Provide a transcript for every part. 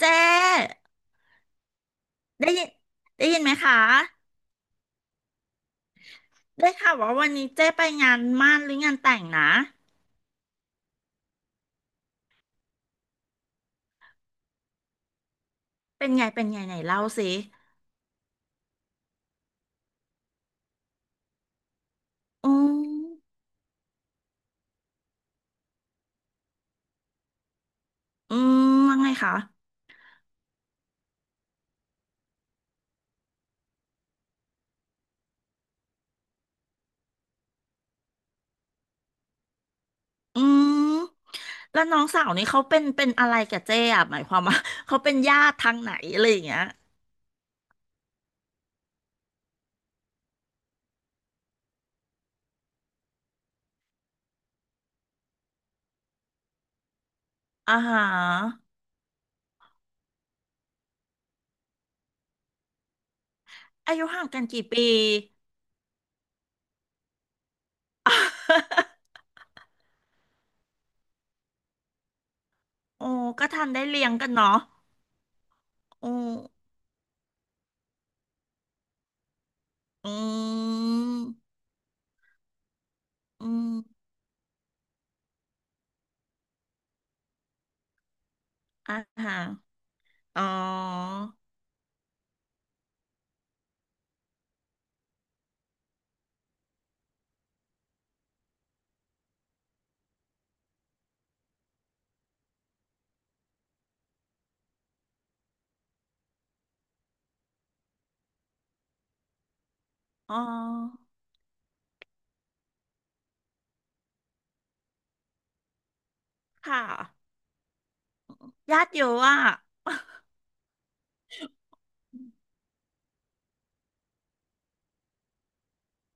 เจ๊ได้ยินไหมคะได้ค่ะว่าวันนี้เจ๊ไปงานหมั่นหรืองานแต่งนะเป็นไงไหนเล่าสิอืมอืมว่าไงคะอืมแล้วน้องสาวนี่เขาเป็นอะไรกับเจ๊อะหมายความว่า เขาเป็นญาติทางไหนอะไรอย่างเงี้ยอ่าฮะอายุห่างกันกี่ปี โอ้ก็ทันได้เลี้ยงกันเนาะโออืมอืมอ่าฮะอ๋ออ๋อค่ะ ญาติเยอะอ่ะ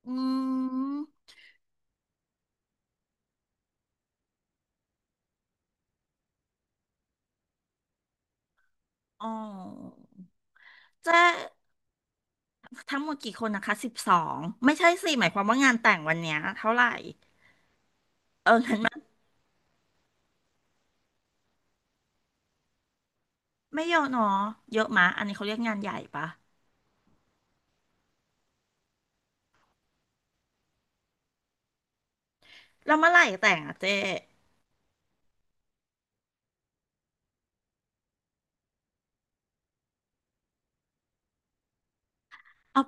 อืมอ๋อเจ๊ทั้งหมดกี่คนนะคะสิบสองไม่ใช่สิหมายความว่างานแต่งวันเนี้ยเท่าไหร่เอองั้นไม่ไม่เยอะเนาะเยอะมะอันนี้เขาเรียกงานใหญ่ปะแล้วเมื่อไหร่แต่งอ่ะเจ๊เอา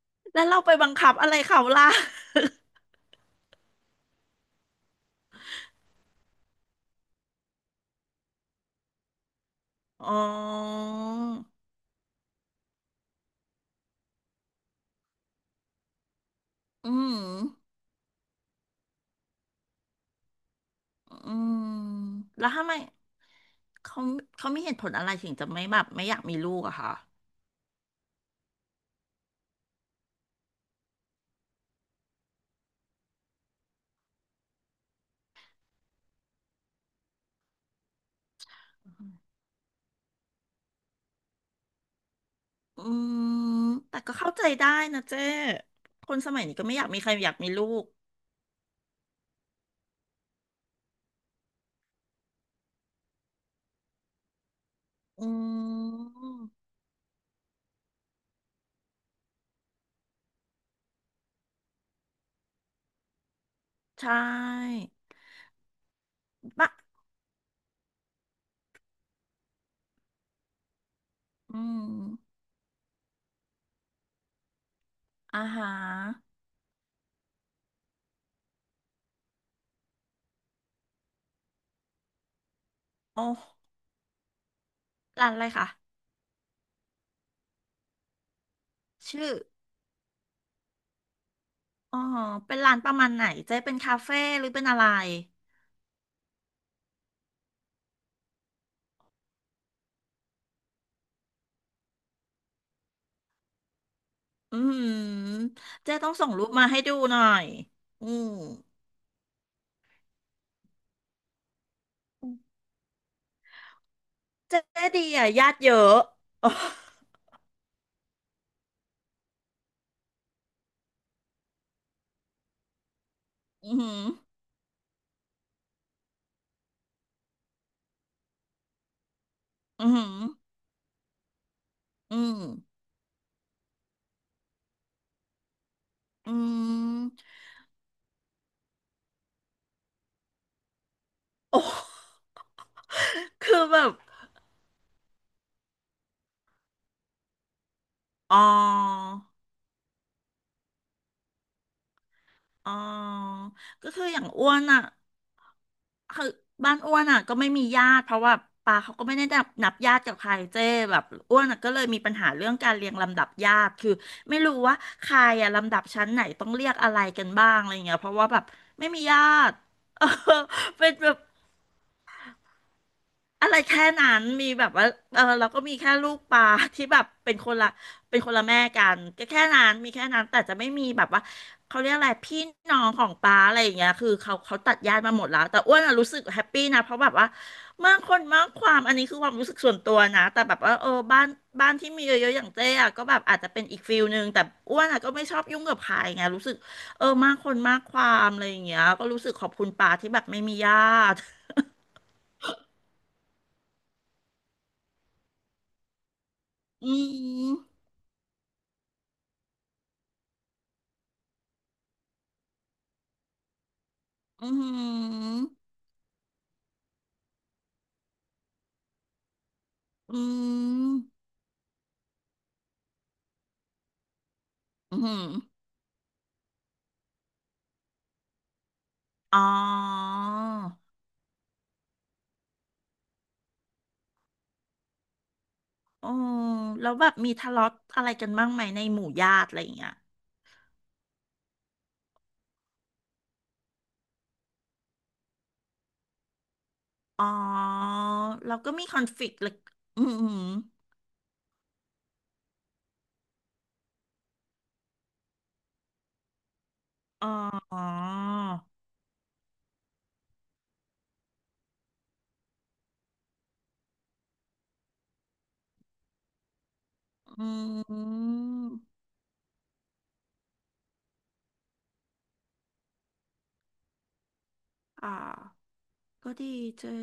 แล้วเราไปบังคับอะไรเขาล่ะอ๋ออืมอืมแล้วทำไมเขามีเหตุผลอะไรถึงจะไม่แบบไม่อยากมีลูกอะคะ อืมแต่ก็เข้าใจได้นะเจ้คนสมัยนี้ก็ไม่อยากมีใครอยากมีลูกอืมใช่บะอืมอาหารโอ้ร้านอะไรคะชื่ออ๋อเป็นร้านประมาณไหนเจ๊เป็นคาเฟ่หรือเป็นอะไรอืมเจ๊ต้องส่งรูปมาให้ดูหน่อยอืมเจ๊ดีอ่ะญาติเยอะ อืมอหืมออืมอหืมออืมอืมโอ้คือแบบ อ๋ออ๋อก็คืออย่างอ้วนอ่ะคือบ้านอ้วนอ่ะก็ไม่มีญาติเพราะว่าปาเขาก็ไม่ได้นับญาติกับใครเจ้แบบอ้วนอ่ะก็เลยมีปัญหาเรื่องการเรียงลำดับญาติคือไม่รู้ว่าใครอ่ะลำดับชั้นไหนต้องเรียกอะไรกันบ้างอะไรเงี้ยเพราะว่าแบบไม่มีญาติ เออเป็นแบบ อะไรแค่นั้นมีแบบว่า เออเราก็มีแค่ลูกปลาที่แบบเป็นคนละแม่กันก็แค่นั้นมีแค่นั้นแต่จะไม่มีแบบว่าเขาเรียกอะไรพี่น้องของปลาอะไรอย่างเงี้ยคือเขาตัดญาติมาหมดแล้วแต่อ้วนอะรู้สึกแฮปปี้นะเพราะแบบว่ามากคนมากความอันนี้คือความรู้สึกส่วนตัวนะแต่แบบว่าเออบ้านที่มีเยอะๆอย่างเจ๊อะก็แบบอาจจะเป็นอีกฟิลนึงแต่อ้วนอะก็ไม่ชอบยุ่งกับใครไงรู้สึกเออมากคนมากความอะไรอย่างเงี้ยก็รู้สึกขอบคุณปลาที่แบบไม่มีญาติอืม อืมอือืม อืมอ๋อโอ้แล้วแบบมีทะเลาะอะไรกันบ้างไหมในหมู่ญาติอะไรอย่างเงี้ยอ๋อเราก็มีคอนฟ lict เลยอืมอืออ๋ออืมอ่าก็ดีเจอ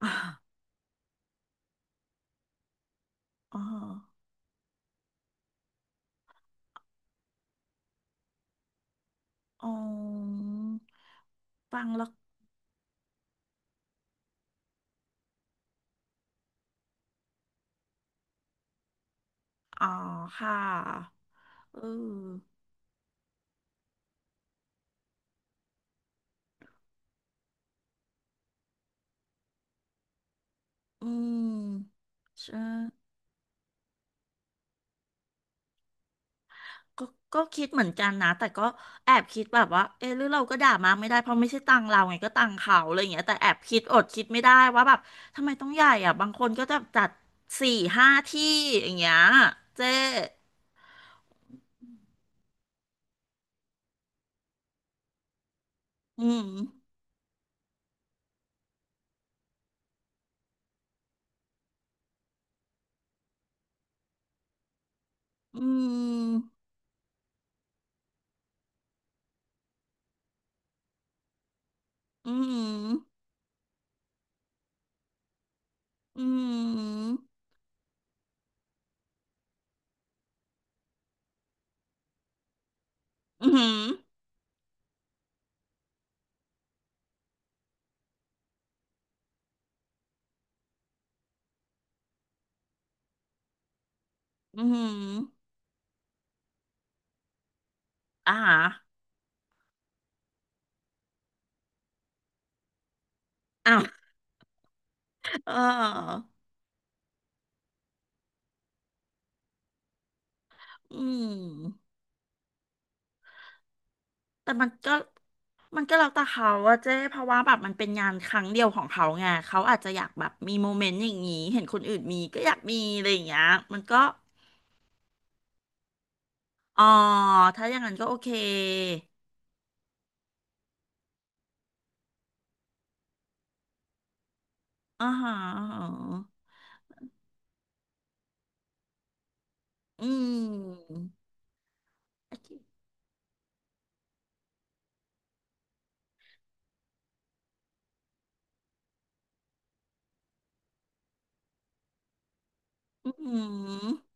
อ๋ออ๋ออ๋อฟังแล้วอ๋อค่ะเอออืมใช่ ก็คิดเหมือนกันนะแต่ก็แอบคิดแบบว่าเออหรือเราก็ด่ามาไม่ได้เพราะไม่ใช่ตังเราไงก็ตังเขาอะไรอย่างเงี้ยแต่แอบคิดอดคิดไม่ได้ว่าแบบทำไมต้องใหญ่อ่ะบางคนก็จะจัดสี่ห้าที่อย่างเงี้ยเจ๊อืมอืมอืมอืมอืมอืมอ่าอ่ะ เอออืม แต่มันก็แล้วแต่เขาอะเจ๊เพราะว่าแบบมันเป็นงานครั้งเดียวของเขาไงเขาอาจจะอยากแบบมีโมเมนต์อย่างนี้เห็นคนอื่นมีก็อยากมีอะไรอย่างเงี้ยมันก็อ๋อถ้าอย่างนั้นก็โอเคอ่าฮะอาฮะอืมโอเคอืม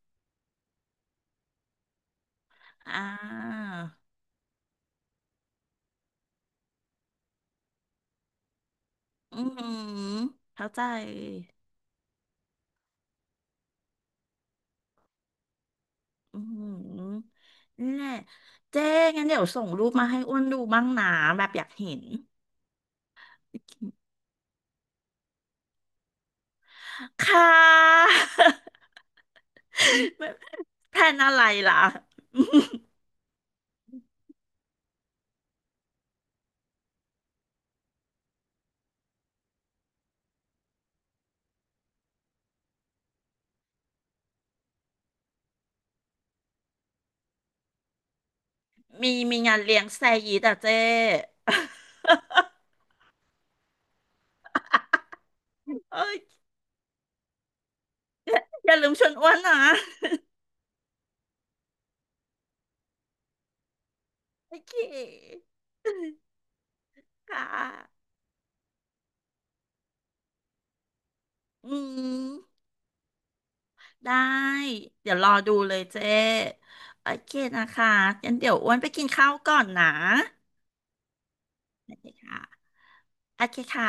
อ่าอืมเข้าใจอืมนี่นแหละเจ๊งั้นเดี๋ยวส่งรูปมาให้อ้วนดูบ้างนะแบบอยากเห็น ค่ะ แพลนอะไรล่ะ มีงานเลี้ยงแซยีแต่เจ๊ เอ้ยอย่าลืมชวนอ้วนนะโอเคค่ะอืมได้ เดี๋ยวรอดูเลยเจ๊โอเคนะคะงั้นเดี๋ยวอ้วนไปกินข้าวก่อนนะ โอเคค่ะโอเคค่ะ